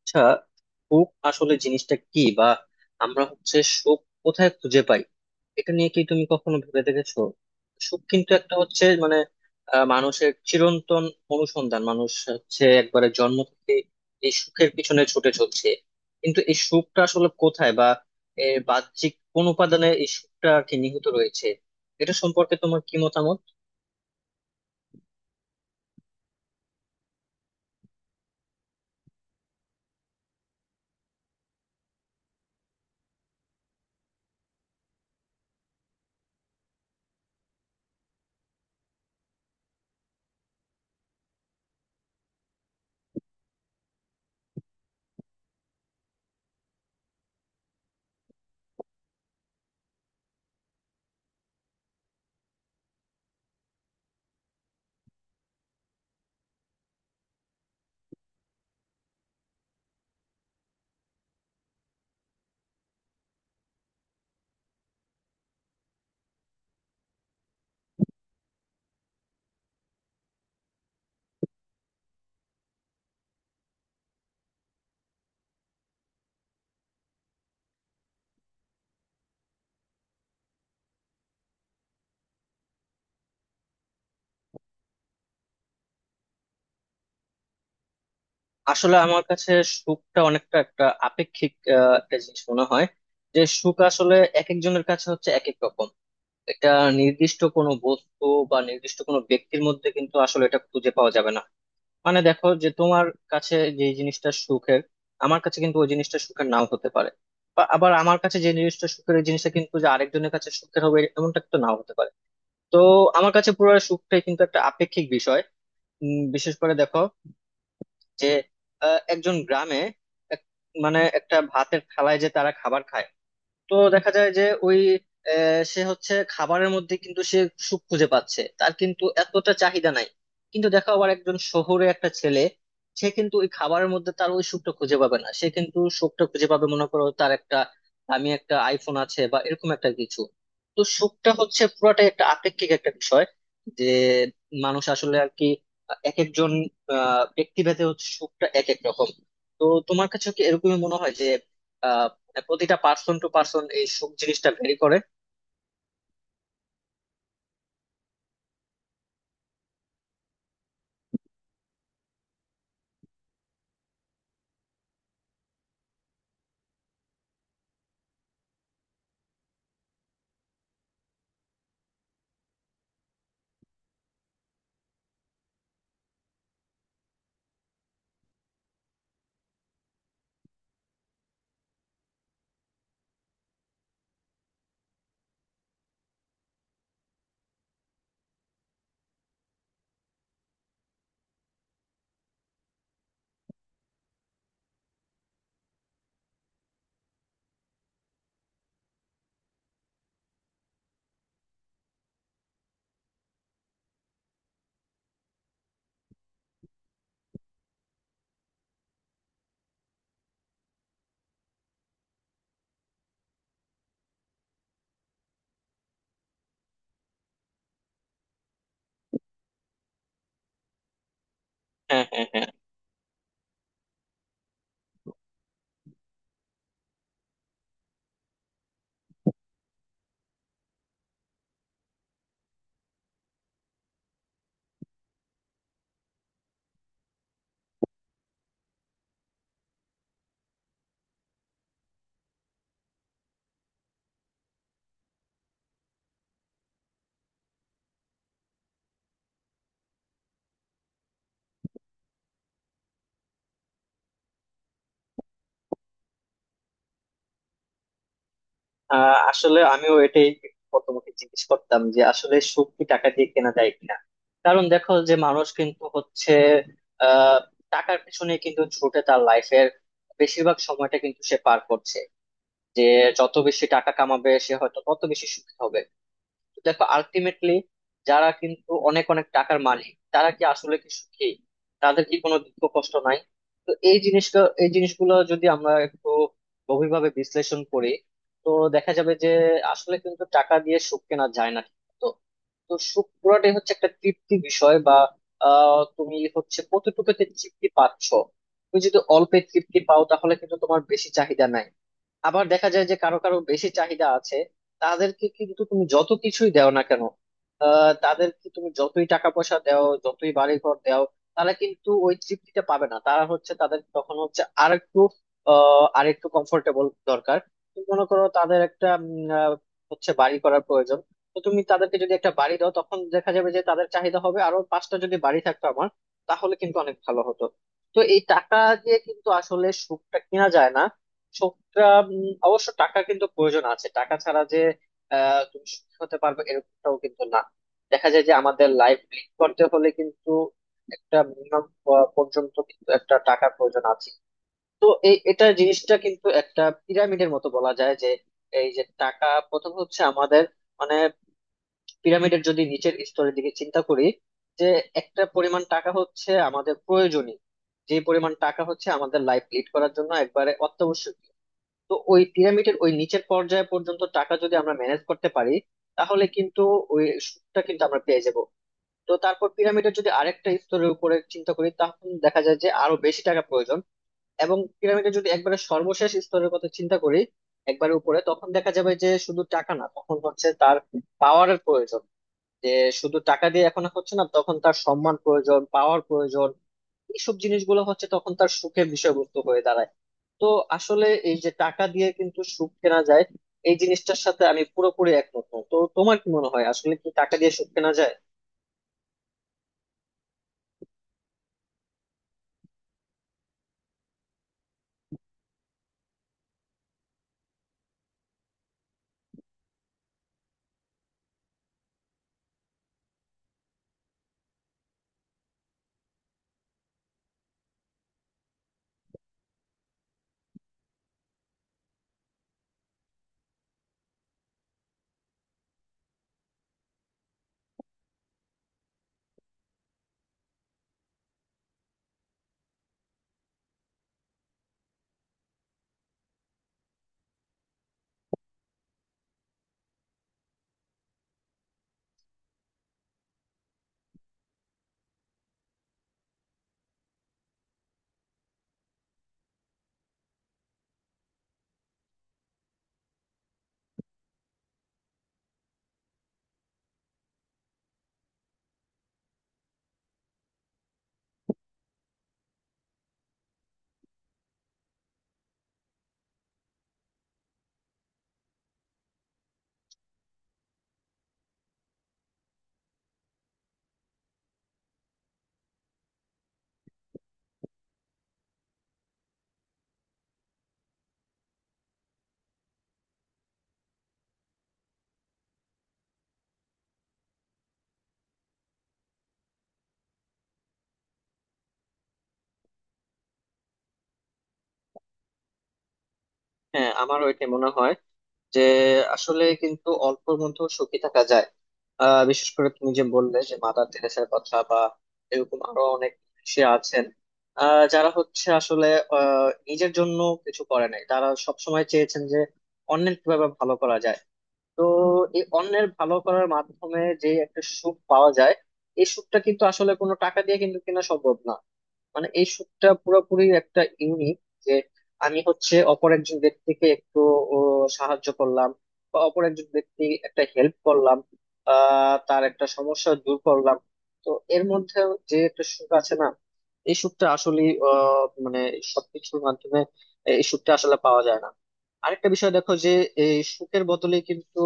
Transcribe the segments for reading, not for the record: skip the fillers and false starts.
আচ্ছা, সুখ আসলে জিনিসটা কি বা আমরা হচ্ছে সুখ কোথায় খুঁজে পাই? এটা নিয়ে কি তুমি কখনো ভেবে দেখেছো? সুখ কিন্তু একটা হচ্ছে মানে মানুষের চিরন্তন অনুসন্ধান। মানুষ হচ্ছে একবারে জন্ম থেকে এই সুখের পিছনে ছুটে চলছে, কিন্তু এই সুখটা আসলে কোথায় বা এর বাহ্যিক কোন উপাদানে এই সুখটা আর কি নিহিত রয়েছে? এটা সম্পর্কে তোমার কি মতামত? আসলে আমার কাছে সুখটা অনেকটা একটা আপেক্ষিক একটা জিনিস মনে হয়। যে সুখ আসলে এক একজনের কাছে হচ্ছে এক এক রকম। এটা নির্দিষ্ট কোনো বস্তু বা নির্দিষ্ট কোনো ব্যক্তির মধ্যে কিন্তু আসলে এটা খুঁজে পাওয়া যাবে না। মানে দেখো যে তোমার কাছে যে জিনিসটা সুখের, আমার কাছে কিন্তু ওই জিনিসটা সুখের নাও হতে পারে। বা আবার আমার কাছে যে জিনিসটা সুখের, ওই জিনিসটা কিন্তু যে আরেকজনের কাছে সুখের হবে এমনটা কিন্তু নাও হতে পারে। তো আমার কাছে পুরো সুখটাই কিন্তু একটা আপেক্ষিক বিষয়। বিশেষ করে দেখো যে একজন গ্রামে এক- মানে একটা ভাতের থালায় যে তারা খাবার খায়, তো দেখা যায় যে ওই সে হচ্ছে খাবারের মধ্যে কিন্তু সে সুখ খুঁজে পাচ্ছে, তার কিন্তু এতটা চাহিদা নাই। কিন্তু দেখো আবার একজন শহুরে একটা ছেলে, সে কিন্তু ওই খাবারের মধ্যে তার ওই সুখটা খুঁজে পাবে না। সে কিন্তু সুখটা খুঁজে পাবে মনে করো তার একটা দামি একটা আইফোন আছে বা এরকম একটা কিছু। তো সুখটা হচ্ছে পুরাটাই একটা আপেক্ষিক একটা বিষয়, যে মানুষ আসলে আর কি এক একজন ব্যক্তিভেদে হচ্ছে সুখটা এক এক রকম। তো তোমার কাছে কি এরকমই মনে হয় যে হ্যাঁ, প্রতিটা পার্সন টু পার্সন এই সুখ জিনিসটা ভেরি করে? হ্যাঁ, হ্যাঁ, হ্যাঁ। আসলে আমিও এটাই প্রথমে জিজ্ঞেস করতাম যে আসলে সুখ কি টাকা দিয়ে কেনা যায় কিনা। কারণ দেখো যে মানুষ কিন্তু হচ্ছে আহ টাকার পিছনে কিন্তু ছুটে তার লাইফের বেশিরভাগ সময়টা কিন্তু সে পার করছে, যে যত বেশি টাকা কামাবে সে হয়তো তত বেশি সুখী হবে। দেখো আলটিমেটলি, যারা কিন্তু অনেক অনেক টাকার মালিক, তারা কি আসলে কি সুখী? তাদের কি কোনো দুঃখ কষ্ট নাই? তো এই জিনিসটা এই জিনিসগুলো যদি আমরা একটু গভীরভাবে বিশ্লেষণ করি, তো দেখা যাবে যে আসলে কিন্তু টাকা দিয়ে সুখ কেনা যায় না। তো তো সুখ পুরাটাই হচ্ছে একটা তৃপ্তি বিষয়। বা তুমি হচ্ছে কতটুকুতে তৃপ্তি পাচ্ছ। তুমি যদি অল্পে তৃপ্তি পাও তাহলে কিন্তু তোমার বেশি চাহিদা নাই। আবার দেখা যায় যে কারো কারো বেশি চাহিদা আছে, তাদেরকে কিন্তু তুমি যত কিছুই দাও না কেন, তাদেরকে তুমি যতই টাকা পয়সা দাও যতই বাড়ি ঘর দাও, তারা কিন্তু ওই তৃপ্তিটা পাবে না। তারা হচ্ছে তাদের তখন হচ্ছে আরেকটু আরেকটু কমফোর্টেবল দরকার। তুমি মনে করো তাদের একটা হচ্ছে বাড়ি করার প্রয়োজন। তো তুমি তাদেরকে যদি একটা বাড়ি দাও, তখন দেখা যাবে যে তাদের চাহিদা হবে আরো পাঁচটা যদি বাড়ি থাকতো আমার তাহলে কিন্তু অনেক ভালো হতো। তো এই টাকা দিয়ে কিন্তু আসলে সুখটা কিনা যায় না। সুখটা অবশ্য টাকা কিন্তু প্রয়োজন আছে। টাকা ছাড়া যে তুমি সুখী হতে পারবে এরকমটাও কিন্তু না। দেখা যায় যে আমাদের লাইফ লিড করতে হলে কিন্তু একটা মিনিমাম পর্যন্ত কিন্তু একটা টাকার প্রয়োজন আছে। তো এটা জিনিসটা কিন্তু একটা পিরামিডের মতো বলা যায়। যে এই যে টাকা প্রথম হচ্ছে আমাদের মানে পিরামিডের যদি নিচের স্তরের দিকে চিন্তা করি, যে একটা পরিমাণ টাকা হচ্ছে আমাদের প্রয়োজনীয়, যে পরিমাণ টাকা হচ্ছে আমাদের লাইফ লিড করার জন্য একবারে অত্যাবশ্যক। তো ওই পিরামিডের ওই নিচের পর্যায় পর্যন্ত টাকা যদি আমরা ম্যানেজ করতে পারি, তাহলে কিন্তু ওই সুদটা কিন্তু আমরা পেয়ে যাব। তো তারপর পিরামিডের যদি আরেকটা স্তরের উপরে চিন্তা করি, তখন দেখা যায় যে আরো বেশি টাকা প্রয়োজন। এবং পিরামিডের যদি একবারে সর্বশেষ স্তরের কথা চিন্তা করি, একবারে উপরে, তখন দেখা যাবে যে শুধু টাকা না, তখন হচ্ছে তার পাওয়ারের প্রয়োজন। যে শুধু টাকা দিয়ে এখন আর হচ্ছে না, তখন তার সম্মান প্রয়োজন, পাওয়ার প্রয়োজন। এইসব জিনিসগুলো হচ্ছে তখন তার সুখের বিষয়বস্তু হয়ে দাঁড়ায়। তো আসলে এই যে টাকা দিয়ে কিন্তু সুখ কেনা যায়, এই জিনিসটার সাথে আমি পুরোপুরি একমত না। তো তোমার কি মনে হয় আসলে কি টাকা দিয়ে সুখ কেনা যায়? হ্যাঁ, আমারও এটা মনে হয় যে আসলে কিন্তু অল্পের মধ্যেও সুখী থাকা যায়। বিশেষ করে তুমি যে বললে যে মাদার তেরেসার কথা, বা এরকম আরো অনেক সে আছেন যারা হচ্ছে আসলে নিজের জন্য কিছু করে নাই। তারা সবসময় চেয়েছেন যে অন্যের কিভাবে ভালো করা যায়। তো এই অন্যের ভালো করার মাধ্যমে যে একটা সুখ পাওয়া যায়, এই সুখটা কিন্তু আসলে কোনো টাকা দিয়ে কিন্তু কেনা সম্ভব না। মানে এই শ্যুটটা পুরোপুরি একটা ইউনিক। যে আমি হচ্ছে অপর একজন ব্যক্তিকে একটু ও, সাহায্য করলাম, বা অপর একজন ব্যক্তি একটা হেল্প করলাম, তার একটা সমস্যা দূর করলাম। তো এর মধ্যে যে একটা সুখ আছে না, এই সুখটা আসলে মানে সবকিছুর মাধ্যমে এই সুখটা আসলে পাওয়া যায় না। আরেকটা বিষয় দেখো যে এই সুখের বদলে কিন্তু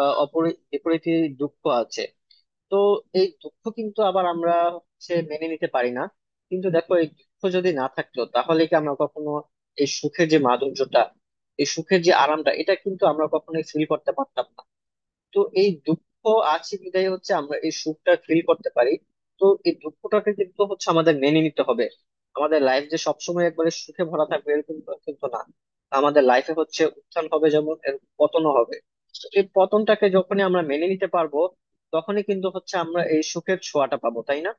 আহ অপরি বিপরীতে দুঃখ আছে। তো এই দুঃখ কিন্তু আবার আমরা হচ্ছে মেনে নিতে পারি না। কিন্তু দেখো এই দুঃখ যদি না থাকতো তাহলে কি আমরা কখনো এই সুখের যে মাধুর্যটা, এই সুখের যে আরামটা, এটা কিন্তু আমরা কখনোই ফিল করতে পারতাম না। তো এই দুঃখ আছে বিধায় হচ্ছে আমরা এই সুখটা ফিল করতে পারি। তো এই দুঃখটাকে কিন্তু হচ্ছে আমাদের মেনে নিতে হবে। আমাদের লাইফ যে সবসময় একবারে সুখে ভরা থাকবে এরকম তো কিন্তু না। আমাদের লাইফে হচ্ছে উত্থান হবে যেমন এর পতনও হবে। তো এই পতনটাকে যখনই আমরা মেনে নিতে পারবো, তখনই কিন্তু হচ্ছে আমরা এই সুখের ছোঁয়াটা পাবো, তাই না?